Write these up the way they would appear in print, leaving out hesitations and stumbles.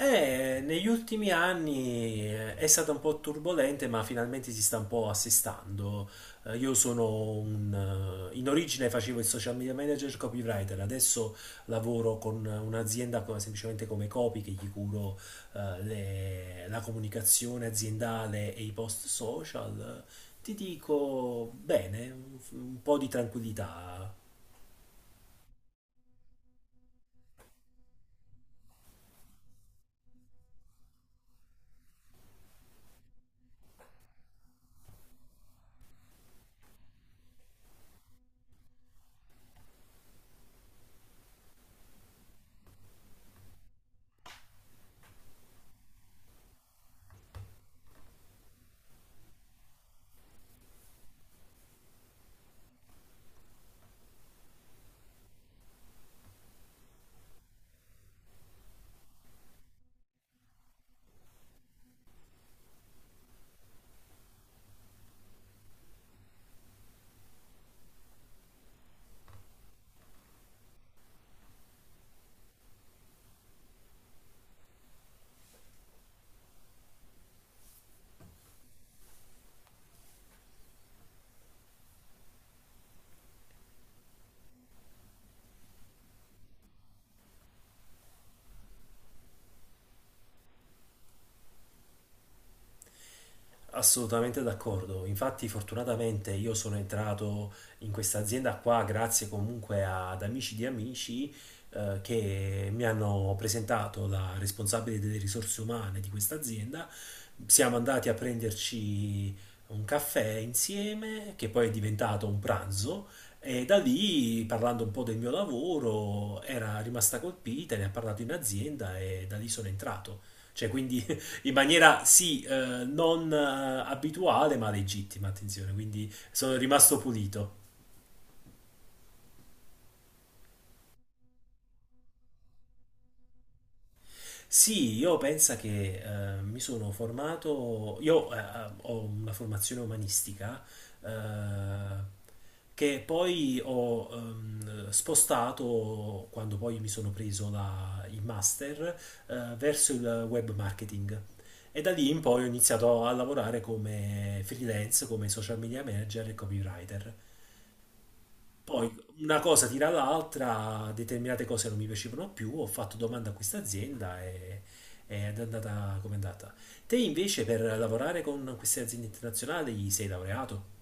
Negli ultimi anni è stata un po' turbolente, ma finalmente si sta un po' assestando. Io sono in origine facevo il social media manager copywriter, adesso lavoro con un'azienda semplicemente come copy che gli curo la comunicazione aziendale e i post social. Ti dico bene, un po' di tranquillità. Assolutamente d'accordo. Infatti, fortunatamente io sono entrato in questa azienda qua grazie comunque ad amici di amici che mi hanno presentato la responsabile delle risorse umane di questa azienda. Siamo andati a prenderci un caffè insieme, che poi è diventato un pranzo, e da lì, parlando un po' del mio lavoro, era rimasta colpita, ne ha parlato in azienda e da lì sono entrato. Cioè, quindi in maniera sì, non abituale, ma legittima, attenzione, quindi sono rimasto pulito. Sì, io penso che mi sono formato, io ho una formazione umanistica eh, che poi ho spostato quando poi mi sono preso il master verso il web marketing. E da lì in poi ho iniziato a lavorare come freelance, come social media manager e copywriter. Poi una cosa tira l'altra, determinate cose non mi piacevano più, ho fatto domanda a questa azienda ed è andata come è andata. Te invece per lavorare con queste aziende internazionali sei laureato?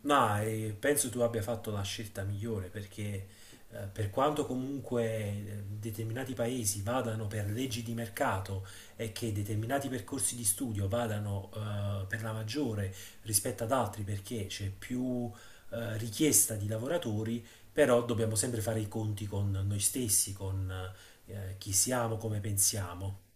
No, e penso tu abbia fatto la scelta migliore perché per quanto comunque determinati paesi vadano per leggi di mercato e che determinati percorsi di studio vadano per la maggiore rispetto ad altri perché c'è più richiesta di lavoratori, però dobbiamo sempre fare i conti con noi stessi, con chi siamo, come pensiamo.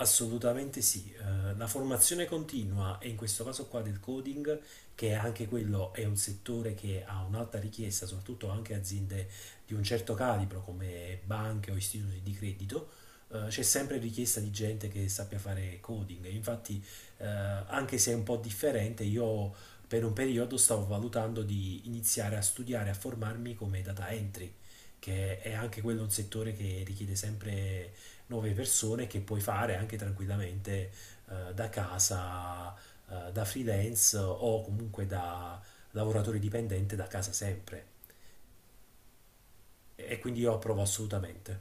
Assolutamente sì, la formazione continua e in questo caso qua del coding, che anche quello è un settore che ha un'alta richiesta, soprattutto anche aziende di un certo calibro come banche o istituti di credito, c'è sempre richiesta di gente che sappia fare coding. Infatti, anche se è un po' differente, io per un periodo stavo valutando di iniziare a studiare, a formarmi come data entry, che è anche quello un settore che richiede sempre nuove persone che puoi fare anche tranquillamente da casa, da freelance o comunque da lavoratore dipendente da casa sempre. E quindi io approvo assolutamente.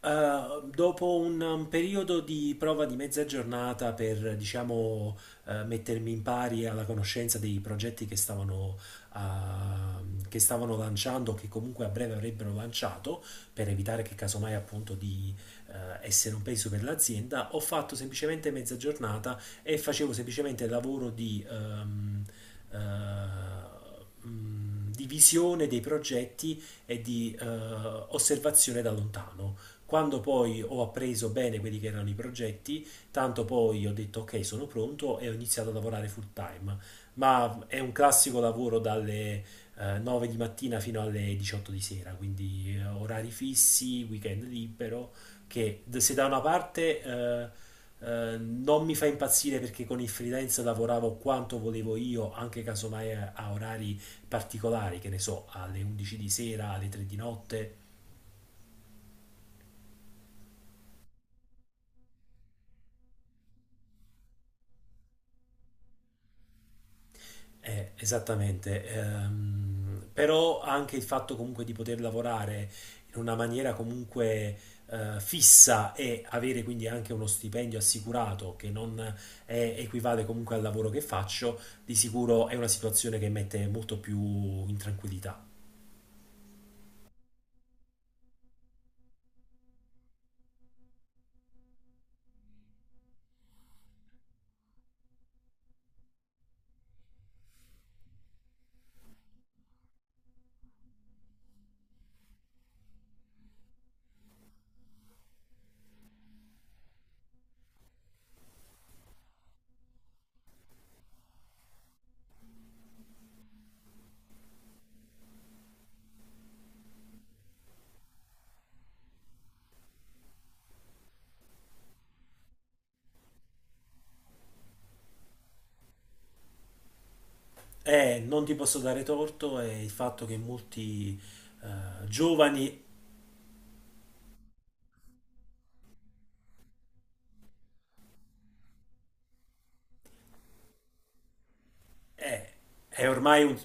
Dopo un periodo di prova di mezza giornata per, diciamo, mettermi in pari alla conoscenza dei progetti che stavano, ah, che stavano lanciando, che comunque a breve avrebbero lanciato, per evitare che casomai appunto di essere un peso per l'azienda, ho fatto semplicemente mezza giornata e facevo semplicemente il lavoro di visione dei progetti e di osservazione da lontano. Quando poi ho appreso bene quelli che erano i progetti, tanto poi ho detto ok, sono pronto e ho iniziato a lavorare full time. Ma è un classico lavoro dalle 9 di mattina fino alle 18 di sera, quindi orari fissi, weekend libero, che se da una parte non mi fa impazzire perché con il freelance lavoravo quanto volevo io, anche casomai a orari particolari, che ne so, alle 11 di sera, alle 3 di notte. Esattamente. Però anche il fatto comunque di poter lavorare in una maniera comunque fissa e avere quindi anche uno stipendio assicurato che non equivale comunque al lavoro che faccio, di sicuro è una situazione che mette molto più in tranquillità. Non ti posso dare torto, è il fatto che molti giovani eh, è ormai un...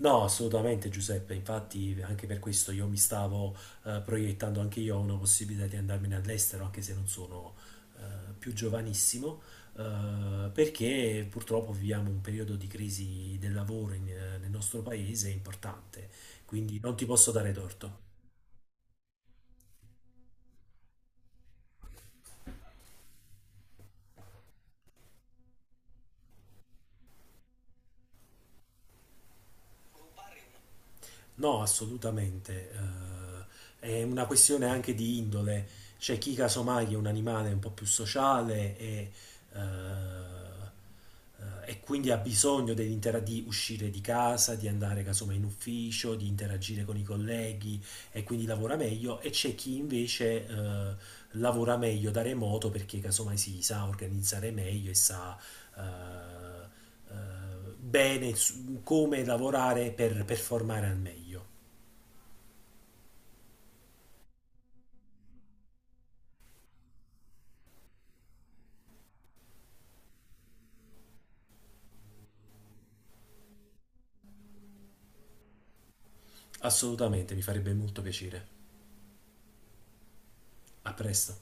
No, assolutamente Giuseppe, infatti anche per questo io mi stavo proiettando anche io a una possibilità di andarmene all'estero, anche se non sono più giovanissimo, perché purtroppo viviamo un periodo di crisi del lavoro nel nostro paese importante, quindi non ti posso dare torto. No, assolutamente. È una questione anche di indole. C'è chi casomai è un animale un po' più sociale eh, e quindi ha bisogno di uscire di casa, di andare casomai in ufficio, di interagire con i colleghi e quindi lavora meglio. E c'è chi invece lavora meglio da remoto perché casomai si sa organizzare meglio e sa bene su come lavorare per performare al meglio. Assolutamente, mi farebbe molto piacere. A presto.